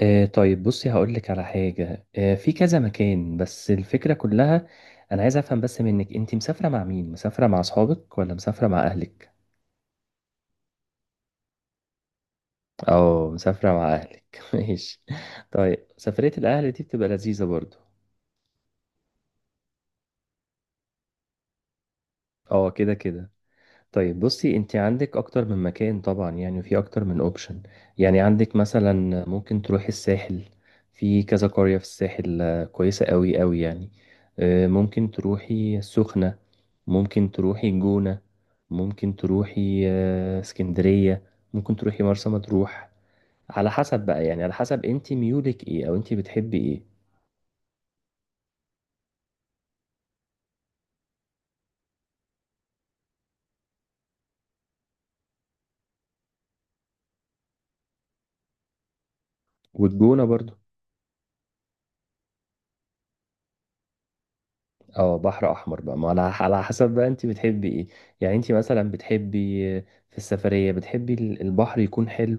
آه طيب بصي، هقول لك على حاجة في كذا مكان. بس الفكرة كلها، أنا عايز أفهم بس منك، أنت مسافرة مع مين؟ مسافرة مع أصحابك ولا مسافرة مع أهلك؟ أه مسافرة مع أهلك ماشي. طيب سفرية الأهل دي بتبقى لذيذة برضو. أه كده كده. طيب بصي، انت عندك اكتر من مكان طبعا يعني، وفي اكتر من اوبشن. يعني عندك مثلا ممكن تروحي الساحل. في كذا قرية في الساحل، كويسة قوي قوي يعني. ممكن تروحي السخنة. ممكن تروحي الجونة. ممكن تروحي اسكندرية. ممكن تروحي مرسى مطروح. على حسب بقى، يعني على حسب انت ميولك ايه او انت بتحبي ايه. والجونة برضو. اه بحر احمر بقى، ما على حسب بقى انت بتحبي ايه. يعني انت مثلا بتحبي في السفرية بتحبي البحر يكون حلو،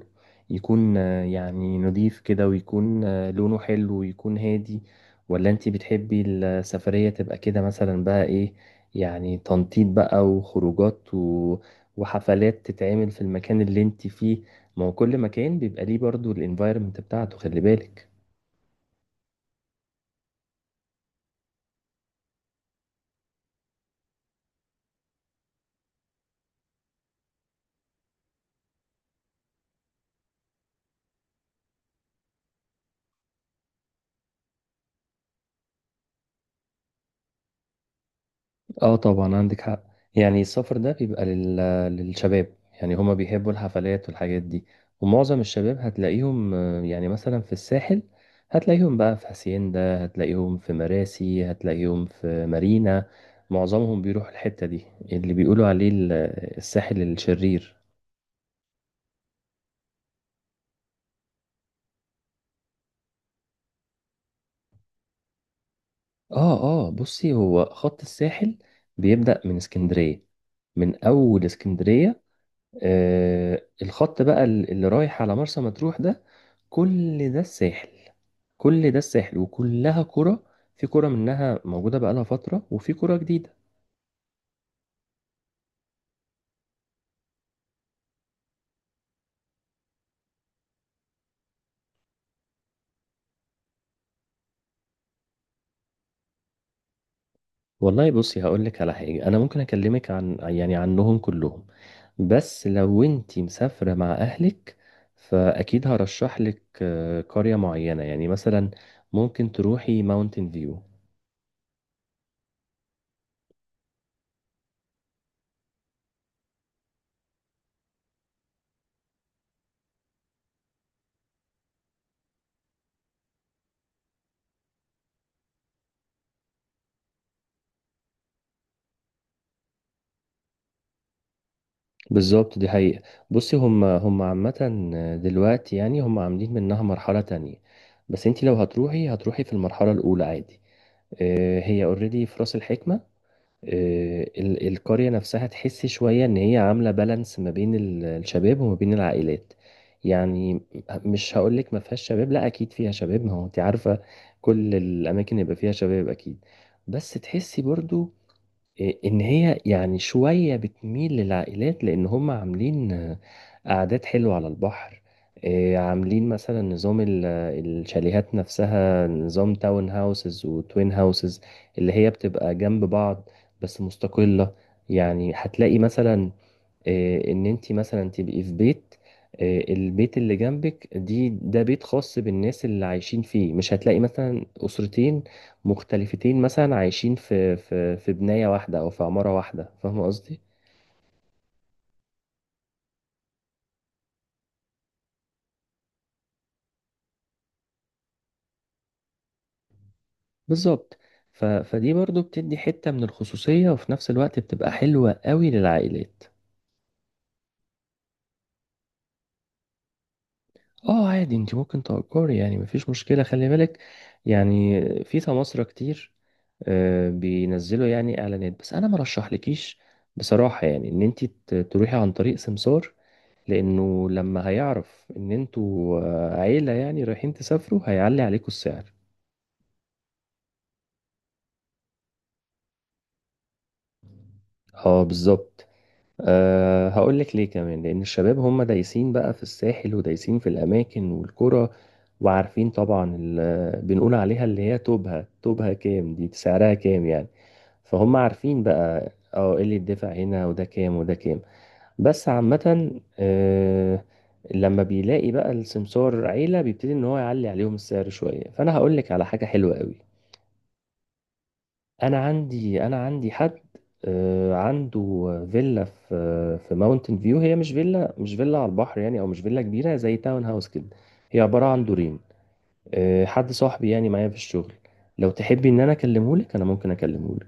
يكون يعني نضيف كده، ويكون لونه حلو ويكون هادي. ولا انت بتحبي السفرية تبقى كده مثلا بقى ايه، يعني تنطيط بقى وخروجات و... وحفلات تتعمل في المكان اللي انت فيه. ما هو كل مكان بيبقى ليه برضو الانفايرمنت بتاعته، خلي بالك. اه طبعا عندك حق. يعني السفر ده بيبقى لل... للشباب يعني، هما بيحبوا الحفلات والحاجات دي. ومعظم الشباب هتلاقيهم يعني مثلا في الساحل. هتلاقيهم بقى في هاسيندا، هتلاقيهم في مراسي، هتلاقيهم في مارينا. معظمهم بيروحوا الحتة دي اللي بيقولوا عليه الساحل الشرير. اه. اه بصي، هو خط الساحل بيبدأ من اسكندرية، من أول اسكندرية، آه الخط بقى اللي رايح على مرسى مطروح ده، كل ده الساحل. كل ده الساحل وكلها كرة. في كرة منها موجودة بقالها فترة، وفي كرة جديدة. والله بصي، هقول لك على حاجة. أنا ممكن أكلمك عن يعني عنهم كلهم، بس لو أنتي مسافرة مع أهلك فأكيد هرشح لك قرية معينة. يعني مثلا ممكن تروحي ماونتين فيو. بالظبط دي حقيقة. بصي هم عامة دلوقتي، يعني هم عاملين منها مرحلة تانية، بس انت لو هتروحي هتروحي في المرحلة الأولى عادي. اه هي اوريدي في رأس الحكمة. اه القرية نفسها تحسي شوية ان هي عاملة بالانس ما بين الشباب وما بين العائلات يعني. مش هقولك ما فيهاش شباب، لا اكيد فيها شباب، ما هو انت عارفة كل الاماكن يبقى فيها شباب اكيد. بس تحسي برضو ان هي يعني شوية بتميل للعائلات، لان هم عاملين قعدات حلوة على البحر. عاملين مثلا نظام الشاليهات نفسها، نظام تاون هاوسز وتوين هاوسز، اللي هي بتبقى جنب بعض بس مستقلة. يعني هتلاقي مثلا ان انت مثلا تبقي في بيت، البيت اللي جنبك دي ده بيت خاص بالناس اللي عايشين فيه. مش هتلاقي مثلا اسرتين مختلفتين مثلا عايشين في بناية واحدة او في عمارة واحدة، فاهمة قصدي. بالظبط. ف فدي برضو بتدي حتة من الخصوصية، وفي نفس الوقت بتبقى حلوة قوي للعائلات. اه عادي، انت ممكن تأجري يعني، مفيش مشكلة. خلي بالك يعني في سماسرة كتير بينزلوا يعني اعلانات. بس انا ما رشحلكيش بصراحة يعني ان انت تروحي عن طريق سمسار، لانه لما هيعرف ان انتوا عيلة يعني رايحين تسافروا هيعلي عليكم السعر. اه بالظبط. أه هقول لك ليه كمان، لان الشباب هم دايسين بقى في الساحل ودايسين في الاماكن والقرى، وعارفين طبعا بنقول عليها اللي هي توبها توبها كام دي، سعرها كام يعني. فهم عارفين بقى اه ايه اللي يدفع هنا، وده كام وده كام. بس عامة، آه، لما بيلاقي بقى السمسار عيلة، بيبتدي ان هو يعلي عليهم السعر شوية. فانا هقول لك على حاجة حلوة قوي. انا عندي حد عنده فيلا في ماونتن فيو. هي مش فيلا، على البحر يعني، او مش فيلا كبيرة زي تاون هاوس كده. هي عبارة عن دورين. حد صاحبي يعني معايا في الشغل. لو تحبي ان انا اكلمه لك، انا ممكن اكلمه لك.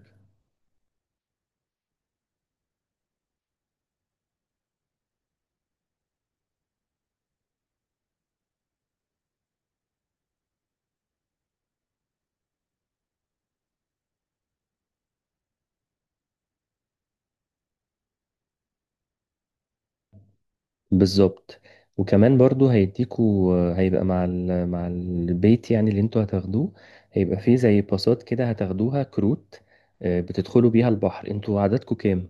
بالظبط. وكمان برضو هيديكوا، هيبقى مع مع البيت يعني اللي انتوا هتاخدوه، هيبقى فيه زي باصات كده هتاخدوها، كروت بتدخلوا بيها البحر. انتوا عددكوا كام؟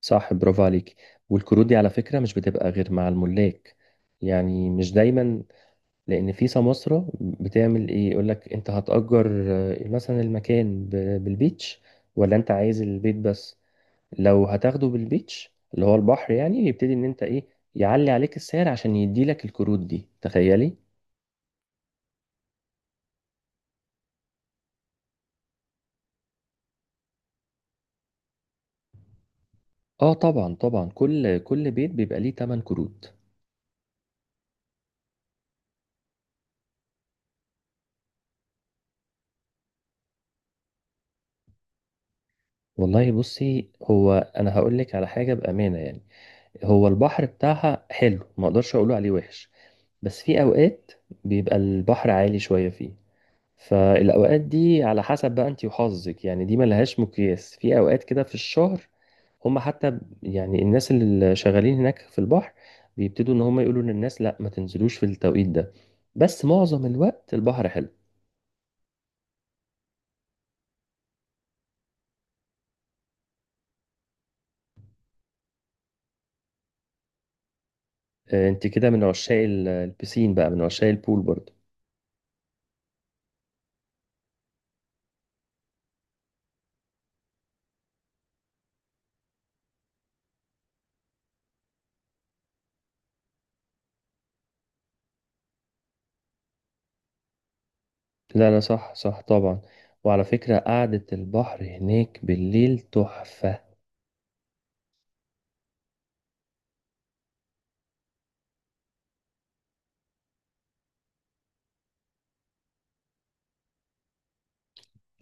صح، برافو عليك. والكروت دي على فكرة مش بتبقى غير مع الملاك، يعني مش دايما. لان في سماسرة بتعمل ايه، يقولك انت هتأجر مثلا المكان بالبيتش ولا انت عايز البيت بس. لو هتاخده بالبيتش اللي هو البحر يعني، يبتدي ان انت ايه، يعلي عليك السعر عشان يديلك الكروت دي، تخيلي. اه طبعا طبعا كل بيت بيبقى ليه 8 كروت. والله بصي، هو انا هقول لك على حاجه بامانه يعني، هو البحر بتاعها حلو ما اقدرش اقوله عليه وحش. بس في اوقات بيبقى البحر عالي شويه فيه، فالأوقات دي على حسب بقى انت وحظك يعني. دي ملهاش مقياس في أوقات كده في الشهر، هم حتى يعني الناس اللي شغالين هناك في البحر بيبتدوا ان هم يقولوا للناس لا ما تنزلوش في التوقيت ده. بس معظم الوقت البحر حلو. انت كده من عشاق البسين بقى، من عشاق البول برضه. لا لا صح صح طبعا. وعلى فكرة قعدة البحر هناك بالليل تحفة.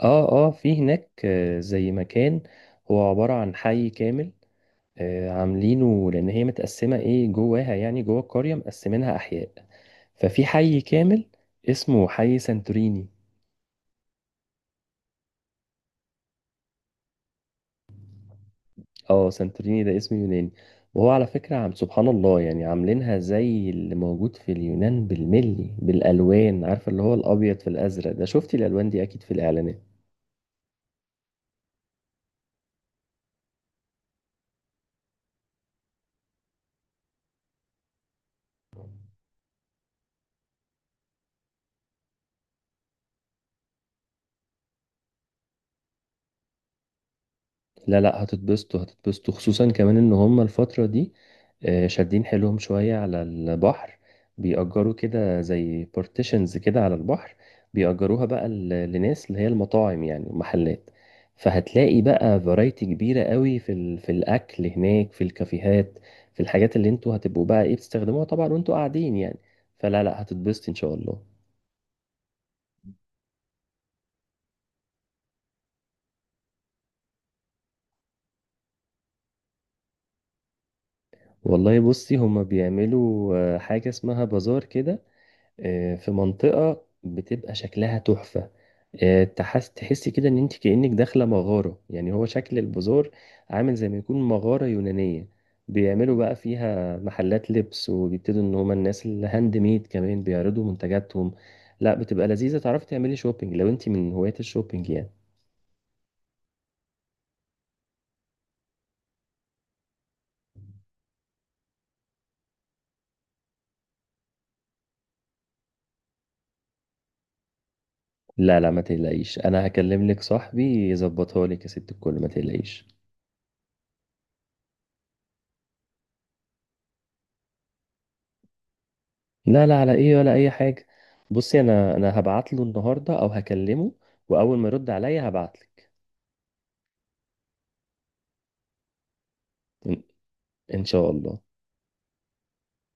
اه اه في هناك زي مكان، هو عبارة عن حي كامل. عاملينه لان هي متقسمه ايه جواها، يعني جوه القريه مقسمينها احياء، ففي حي كامل اسمه حي سانتوريني. اه سانتوريني ده اسم يوناني. وهو على فكره عم سبحان الله يعني، عاملينها زي اللي موجود في اليونان بالملي، بالالوان، عارفه اللي هو الابيض في الازرق ده، شفتي الالوان دي اكيد في الاعلانات. لا لا هتتبسطوا هتتبسطوا خصوصا كمان ان هم الفترة دي شادين حيلهم شوية على البحر، بيأجروا كده زي بارتيشنز كده على البحر، بيأجروها بقى لناس اللي هي المطاعم، يعني محلات. فهتلاقي بقى فرايتي كبيرة قوي في في الأكل هناك، في الكافيهات، في الحاجات اللي انتوا هتبقوا بقى ايه بتستخدموها طبعا وانتوا قاعدين يعني. فلا لا هتتبسطي ان شاء الله. والله بصي، هما بيعملوا حاجة اسمها بازار كده في منطقة بتبقى شكلها تحفة. تحسي كده ان انت كأنك داخلة مغارة. يعني هو شكل البازار عامل زي ما يكون مغارة يونانية. بيعملوا بقى فيها محلات لبس، وبيبتدوا ان هما الناس الهاند ميد كمان بيعرضوا منتجاتهم. لا بتبقى لذيذة، تعرفي تعملي شوبينج لو انت من هواة الشوبينج يعني. لا لا ما تقلقيش، انا هكلم لك صاحبي يظبطها لك يا ست الكل، ما تقلقيش. لا لا على ايه ولا اي حاجة. بصي انا هبعت له النهاردة او هكلمه، واول ما يرد عليا هبعت لك. ان إن شاء الله.